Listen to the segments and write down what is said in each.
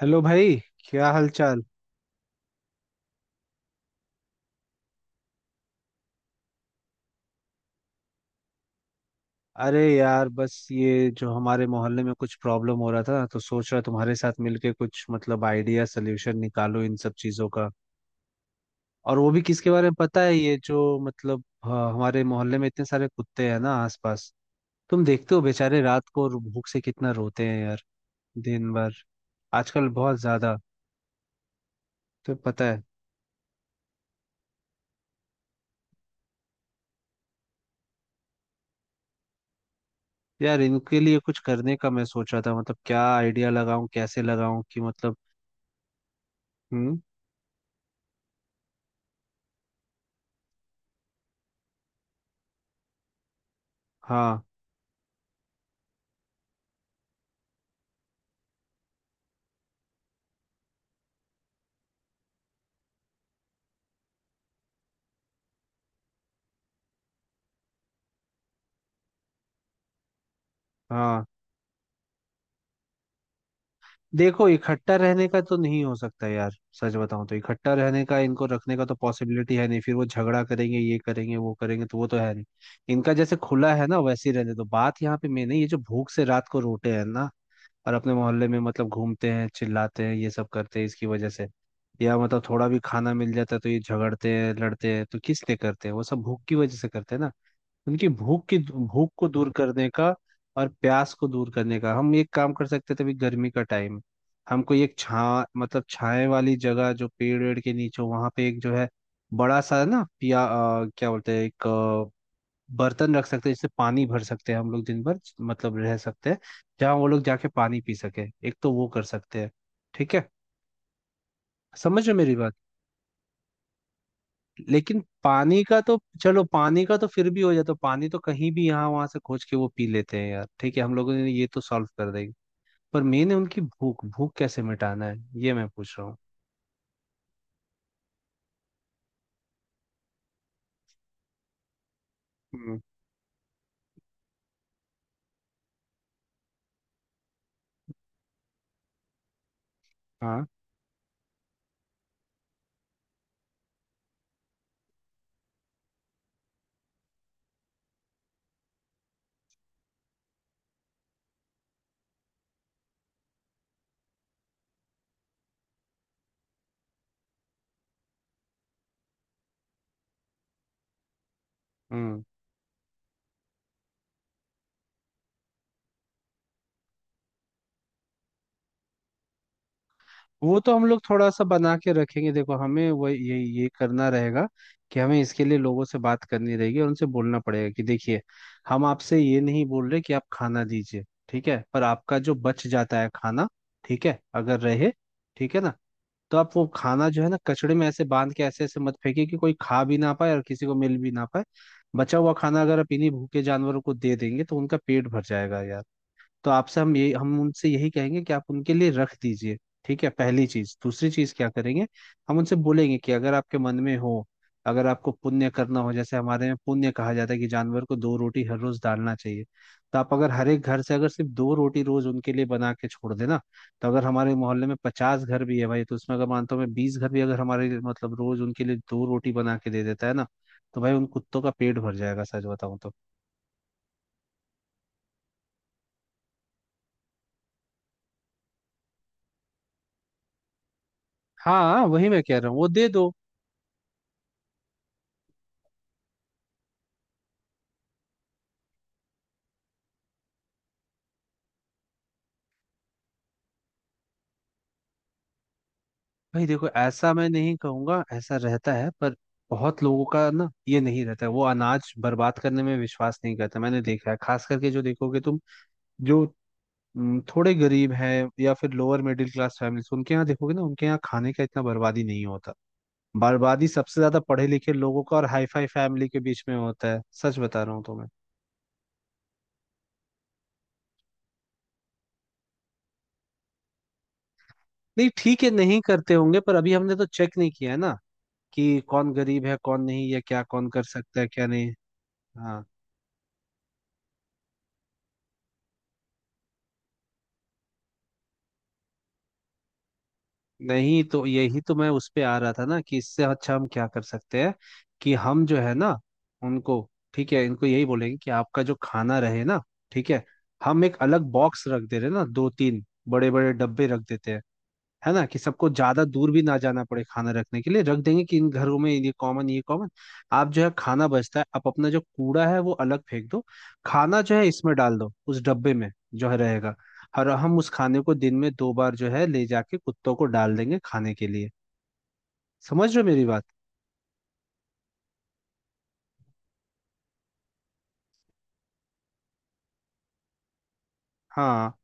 Hello भाई। क्या हाल चाल। अरे यार बस ये जो हमारे मोहल्ले में कुछ प्रॉब्लम हो रहा था, तो सोच रहा तुम्हारे साथ मिलके कुछ मतलब आइडिया सोल्यूशन निकालो इन सब चीजों का। और वो भी किसके बारे में पता है? ये जो मतलब, हाँ, हमारे मोहल्ले में इतने सारे कुत्ते हैं ना आसपास। तुम देखते हो बेचारे रात को भूख से कितना रोते हैं यार। दिन भर। आजकल बहुत ज्यादा। तो पता है यार, इनके लिए कुछ करने का मैं सोच रहा था, मतलब क्या आइडिया लगाऊं, कैसे लगाऊं कि मतलब। हम्म। हाँ, हाँ। देखो, इकट्ठा रहने का तो नहीं हो सकता यार। सच बताऊं तो इकट्ठा रहने का, इनको रखने का तो पॉसिबिलिटी है नहीं, फिर वो झगड़ा करेंगे ये करेंगे वो करेंगे, तो वो तो है नहीं। इनका जैसे खुला है ना वैसे ही रहने दो। बात यहाँ पे मेन है ये जो भूख से रात को रोते हैं ना, और अपने मोहल्ले में मतलब घूमते हैं चिल्लाते हैं ये सब करते हैं इसकी वजह से। या मतलब थोड़ा भी खाना मिल जाता है तो ये झगड़ते हैं लड़ते हैं, तो किस लिए करते हैं? वो सब भूख की वजह से करते हैं ना। उनकी भूख की, भूख को दूर करने का और प्यास को दूर करने का हम एक काम कर सकते थे। अभी गर्मी का टाइम। हम कोई एक छा मतलब छाए वाली जगह, जो पेड़ वेड़ के नीचे, वहां पे एक जो है बड़ा सा ना, क्या बोलते हैं, एक बर्तन रख सकते हैं, जिससे पानी भर सकते हैं, हम लोग दिन भर मतलब रह सकते हैं, जहाँ वो लोग जाके पानी पी सके। एक तो वो कर सकते हैं। ठीक है? समझ रहे हो मेरी बात? लेकिन पानी का तो चलो, पानी का तो फिर भी हो जाता, पानी तो कहीं भी यहाँ वहां से खोज के वो पी लेते हैं यार, ठीक है, हम लोगों ने ये तो सॉल्व कर देंगे। पर मेन है उनकी भूख, भूख कैसे मिटाना है, ये मैं पूछ रहा हूँ। हम्म। हाँ। हम्म। वो तो हम लोग थोड़ा सा बना के रखेंगे। देखो, हमें वो ये करना रहेगा कि हमें इसके लिए लोगों से बात करनी रहेगी और उनसे बोलना पड़ेगा कि देखिए, हम आपसे ये नहीं बोल रहे कि आप खाना दीजिए, ठीक है, पर आपका जो बच जाता है खाना, ठीक है अगर रहे, ठीक है ना, तो आप वो खाना जो है ना, कचड़े में ऐसे बांध के ऐसे ऐसे मत फेंकिए कि कोई खा भी ना पाए और किसी को मिल भी ना पाए। बचा हुआ खाना अगर आप इन्हीं भूखे जानवरों को दे देंगे तो उनका पेट भर जाएगा यार। तो आपसे हम ये हम उनसे यही कहेंगे कि आप उनके लिए रख दीजिए। ठीक है, पहली चीज। दूसरी चीज क्या करेंगे? हम उनसे बोलेंगे कि अगर आपके मन में हो, अगर आपको पुण्य करना हो, जैसे हमारे में पुण्य कहा जाता है कि जानवर को दो रोटी हर रोज डालना चाहिए, तो आप अगर हर एक घर से अगर सिर्फ दो रोटी रोज उनके लिए बना के छोड़ देना, तो अगर हमारे मोहल्ले में 50 घर भी है भाई, तो उसमें अगर मानता हूँ मैं 20 घर भी अगर हमारे लिए मतलब रोज उनके लिए दो रोटी बना के दे देता है ना, तो भाई उन कुत्तों का पेट भर जाएगा सच बताऊं तो। हाँ, वही मैं कह रहा हूँ, वो दे दो। भाई देखो, ऐसा मैं नहीं कहूंगा ऐसा रहता है, पर बहुत लोगों का ना ये नहीं रहता है, वो अनाज बर्बाद करने में विश्वास नहीं करते। मैंने देखा है, खास करके जो देखोगे तुम, जो थोड़े गरीब हैं या फिर लोअर मिडिल क्लास फैमिलीज, उनके यहाँ देखोगे ना, उनके यहाँ खाने का इतना बर्बादी नहीं होता। बर्बादी सबसे ज्यादा पढ़े लिखे लोगों का और हाई फाई फैमिली के बीच में होता है, सच बता रहा हूँ तुम्हें। नहीं, ठीक है, नहीं करते होंगे, पर अभी हमने तो चेक नहीं किया है ना कि कौन गरीब है कौन नहीं, या क्या कौन कर सकता है क्या नहीं। हाँ। नहीं, तो यही तो मैं उस पे आ रहा था ना कि इससे अच्छा हम क्या कर सकते हैं कि हम जो है ना, उनको, ठीक है, इनको यही बोलेंगे कि आपका जो खाना रहे ना, ठीक है, हम एक अलग बॉक्स रख दे रहे हैं ना, दो तीन बड़े बड़े डब्बे रख देते हैं, है ना, कि सबको ज्यादा दूर भी ना जाना पड़े खाना रखने के लिए, रख देंगे कि इन घरों में ये कॉमन, ये कॉमन। आप जो है खाना बचता है, आप अपना जो कूड़ा है वो अलग फेंक दो, खाना जो है इसमें डाल दो, उस डब्बे में जो है रहेगा, और हम उस खाने को दिन में दो बार जो है ले जाके कुत्तों को डाल देंगे खाने के लिए। समझ रहे हो मेरी बात? हाँ।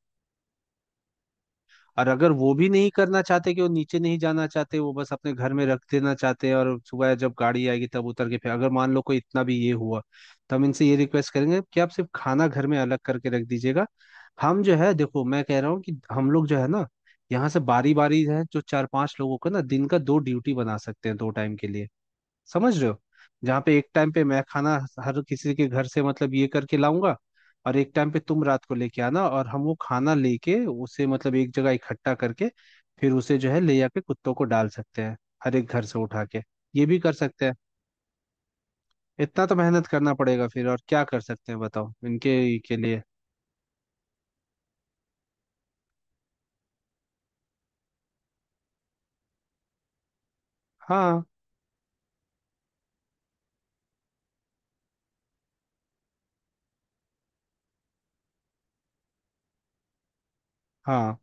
और अगर वो भी नहीं करना चाहते कि वो नीचे नहीं जाना चाहते, वो बस अपने घर में रख देना चाहते हैं और सुबह जब गाड़ी आएगी तब उतर के, फिर अगर मान लो कोई इतना भी ये हुआ, तो हम इनसे ये रिक्वेस्ट करेंगे कि आप सिर्फ खाना घर में अलग करके रख दीजिएगा। हम जो है, देखो मैं कह रहा हूँ कि हम लोग जो है ना, यहाँ से बारी बारी है, जो चार पांच लोगों का ना दिन का दो ड्यूटी बना सकते हैं दो टाइम के लिए, समझ रहे हो? जहाँ पे एक टाइम पे मैं खाना हर किसी के घर से मतलब ये करके लाऊंगा, और एक टाइम पे तुम रात को लेके आना, और हम वो खाना लेके उसे मतलब एक जगह इकट्ठा करके फिर उसे जो है ले जाके कुत्तों को डाल सकते हैं हर एक घर से उठा के। ये भी कर सकते हैं। इतना तो मेहनत करना पड़ेगा। फिर और क्या कर सकते हैं बताओ इनके के लिए? हाँ, हाँ,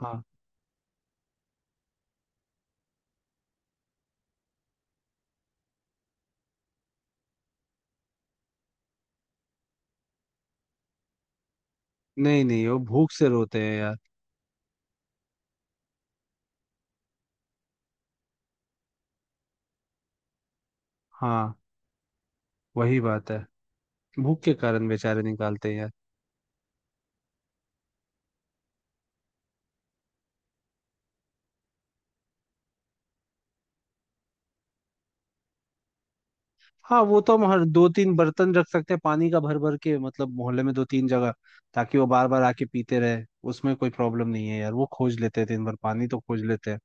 हाँ। नहीं नहीं, वो भूख से रोते हैं यार। हाँ, वही बात है। भूख के कारण बेचारे निकालते हैं यार। हाँ, वो तो हम हर दो तीन बर्तन रख सकते हैं पानी का, भर भर के, मतलब मोहल्ले में दो तीन जगह, ताकि वो बार बार आके पीते रहे। उसमें कोई प्रॉब्लम नहीं है यार, वो खोज लेते हैं दिन भर, पानी तो खोज लेते हैं।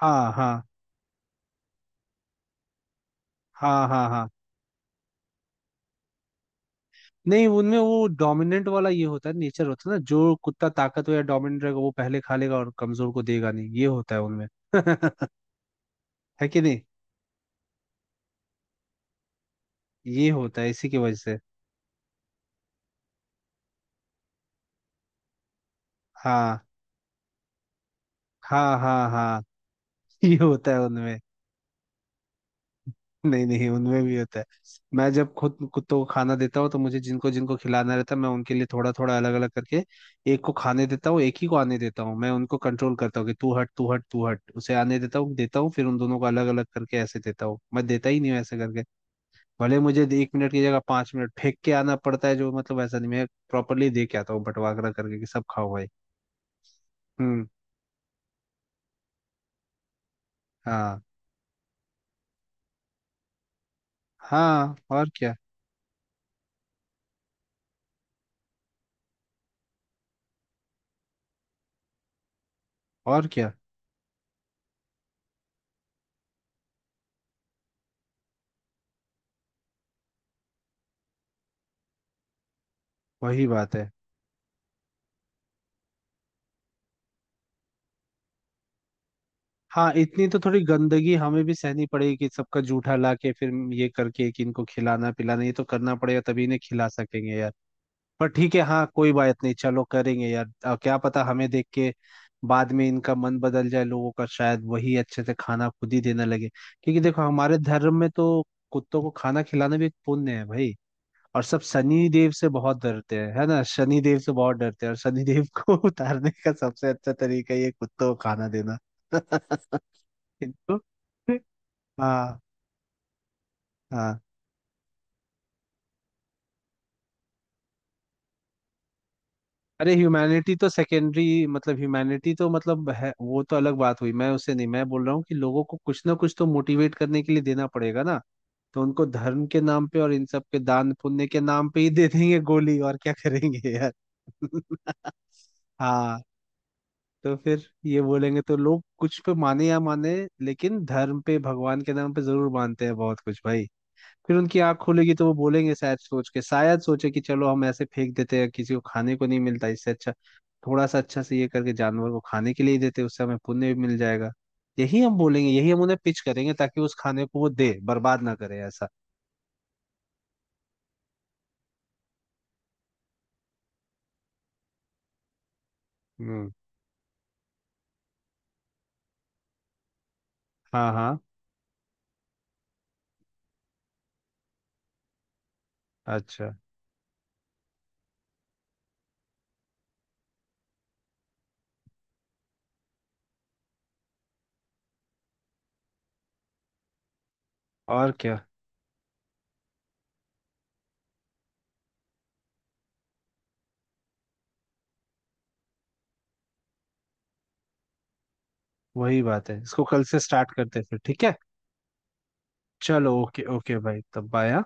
हाँ, हाँ, हाँ, हाँ, हाँ। नहीं, उनमें वो डोमिनेंट वाला ये होता है, नेचर होता है ना, जो कुत्ता ताकतवर या डोमिनेंट रहेगा वो पहले खा लेगा और कमजोर को देगा नहीं, ये होता है उनमें। है कि नहीं? ये होता है इसी की वजह से। हाँ, हाँ, हाँ, हाँ। ये होता है उनमें। नहीं नहीं, उनमें भी होता है। मैं जब खुद कुत्तों को खाना देता हूँ तो मुझे जिनको जिनको खिलाना रहता है, मैं उनके लिए थोड़ा थोड़ा अलग अलग करके एक को खाने देता हूँ, एक ही को आने देता हूँ। मैं उनको कंट्रोल करता हूँ कि तू हट तू हट तू हट, उसे आने देता हूँ फिर उन दोनों को अलग अलग करके ऐसे देता हूँ, मैं देता ही नहीं हूँ ऐसे करके। भले मुझे 1 मिनट की जगह 5 मिनट फेंक के आना पड़ता है, जो मतलब ऐसा नहीं, मैं प्रॉपरली दे के आता हूँ बंटवारा करके कि सब खाओ भाई। हम्म। हाँ, हाँ। और क्या, और क्या, वही बात है। हाँ, इतनी तो थोड़ी गंदगी हमें भी सहनी पड़ेगी कि सबका जूठा ला के, फिर ये करके कि इनको खिलाना पिलाना, ये तो करना पड़ेगा तभी इन्हें खिला सकेंगे यार। पर ठीक है, हाँ, कोई बात नहीं, चलो करेंगे यार। क्या पता हमें देख के बाद में इनका मन बदल जाए लोगों का, शायद वही अच्छे से खाना खुद ही देने लगे, क्योंकि देखो हमारे धर्म में तो कुत्तों को खाना खिलाना भी एक पुण्य है भाई। और सब शनि देव से बहुत डरते हैं, है ना, शनि देव से बहुत डरते हैं, और शनि देव को उतारने का सबसे अच्छा तरीका ये कुत्तों को खाना देना। हिंदू। हाँ, हाँ। अरे, ह्यूमैनिटी तो सेकेंडरी, मतलब ह्यूमैनिटी तो मतलब है, वो तो अलग बात हुई, मैं उससे नहीं, मैं बोल रहा हूँ कि लोगों को कुछ ना कुछ तो मोटिवेट करने के लिए देना पड़ेगा ना। तो उनको धर्म के नाम पे और इन सब के दान पुण्य के नाम पे ही दे देंगे गोली, और क्या करेंगे यार। हाँ। तो फिर ये बोलेंगे तो लोग कुछ पे माने या माने, लेकिन धर्म पे, भगवान के नाम पे जरूर मानते हैं बहुत कुछ भाई। फिर उनकी आंख खुलेगी तो वो बोलेंगे शायद, सोच के शायद सोचे कि चलो, हम ऐसे फेंक देते हैं किसी को खाने को नहीं मिलता, इससे अच्छा थोड़ा सा अच्छा से ये करके जानवर को खाने के लिए ही देते, उससे हमें पुण्य भी मिल जाएगा। यही हम बोलेंगे, यही हम उन्हें पिच करेंगे, ताकि उस खाने को वो दे, बर्बाद ना करे ऐसा। हम्म। हाँ, हाँ, अच्छा। और क्या, वही बात है। इसको कल से स्टार्ट करते हैं फिर, ठीक है। चलो, ओके ओके भाई, तब बाय। हाँ।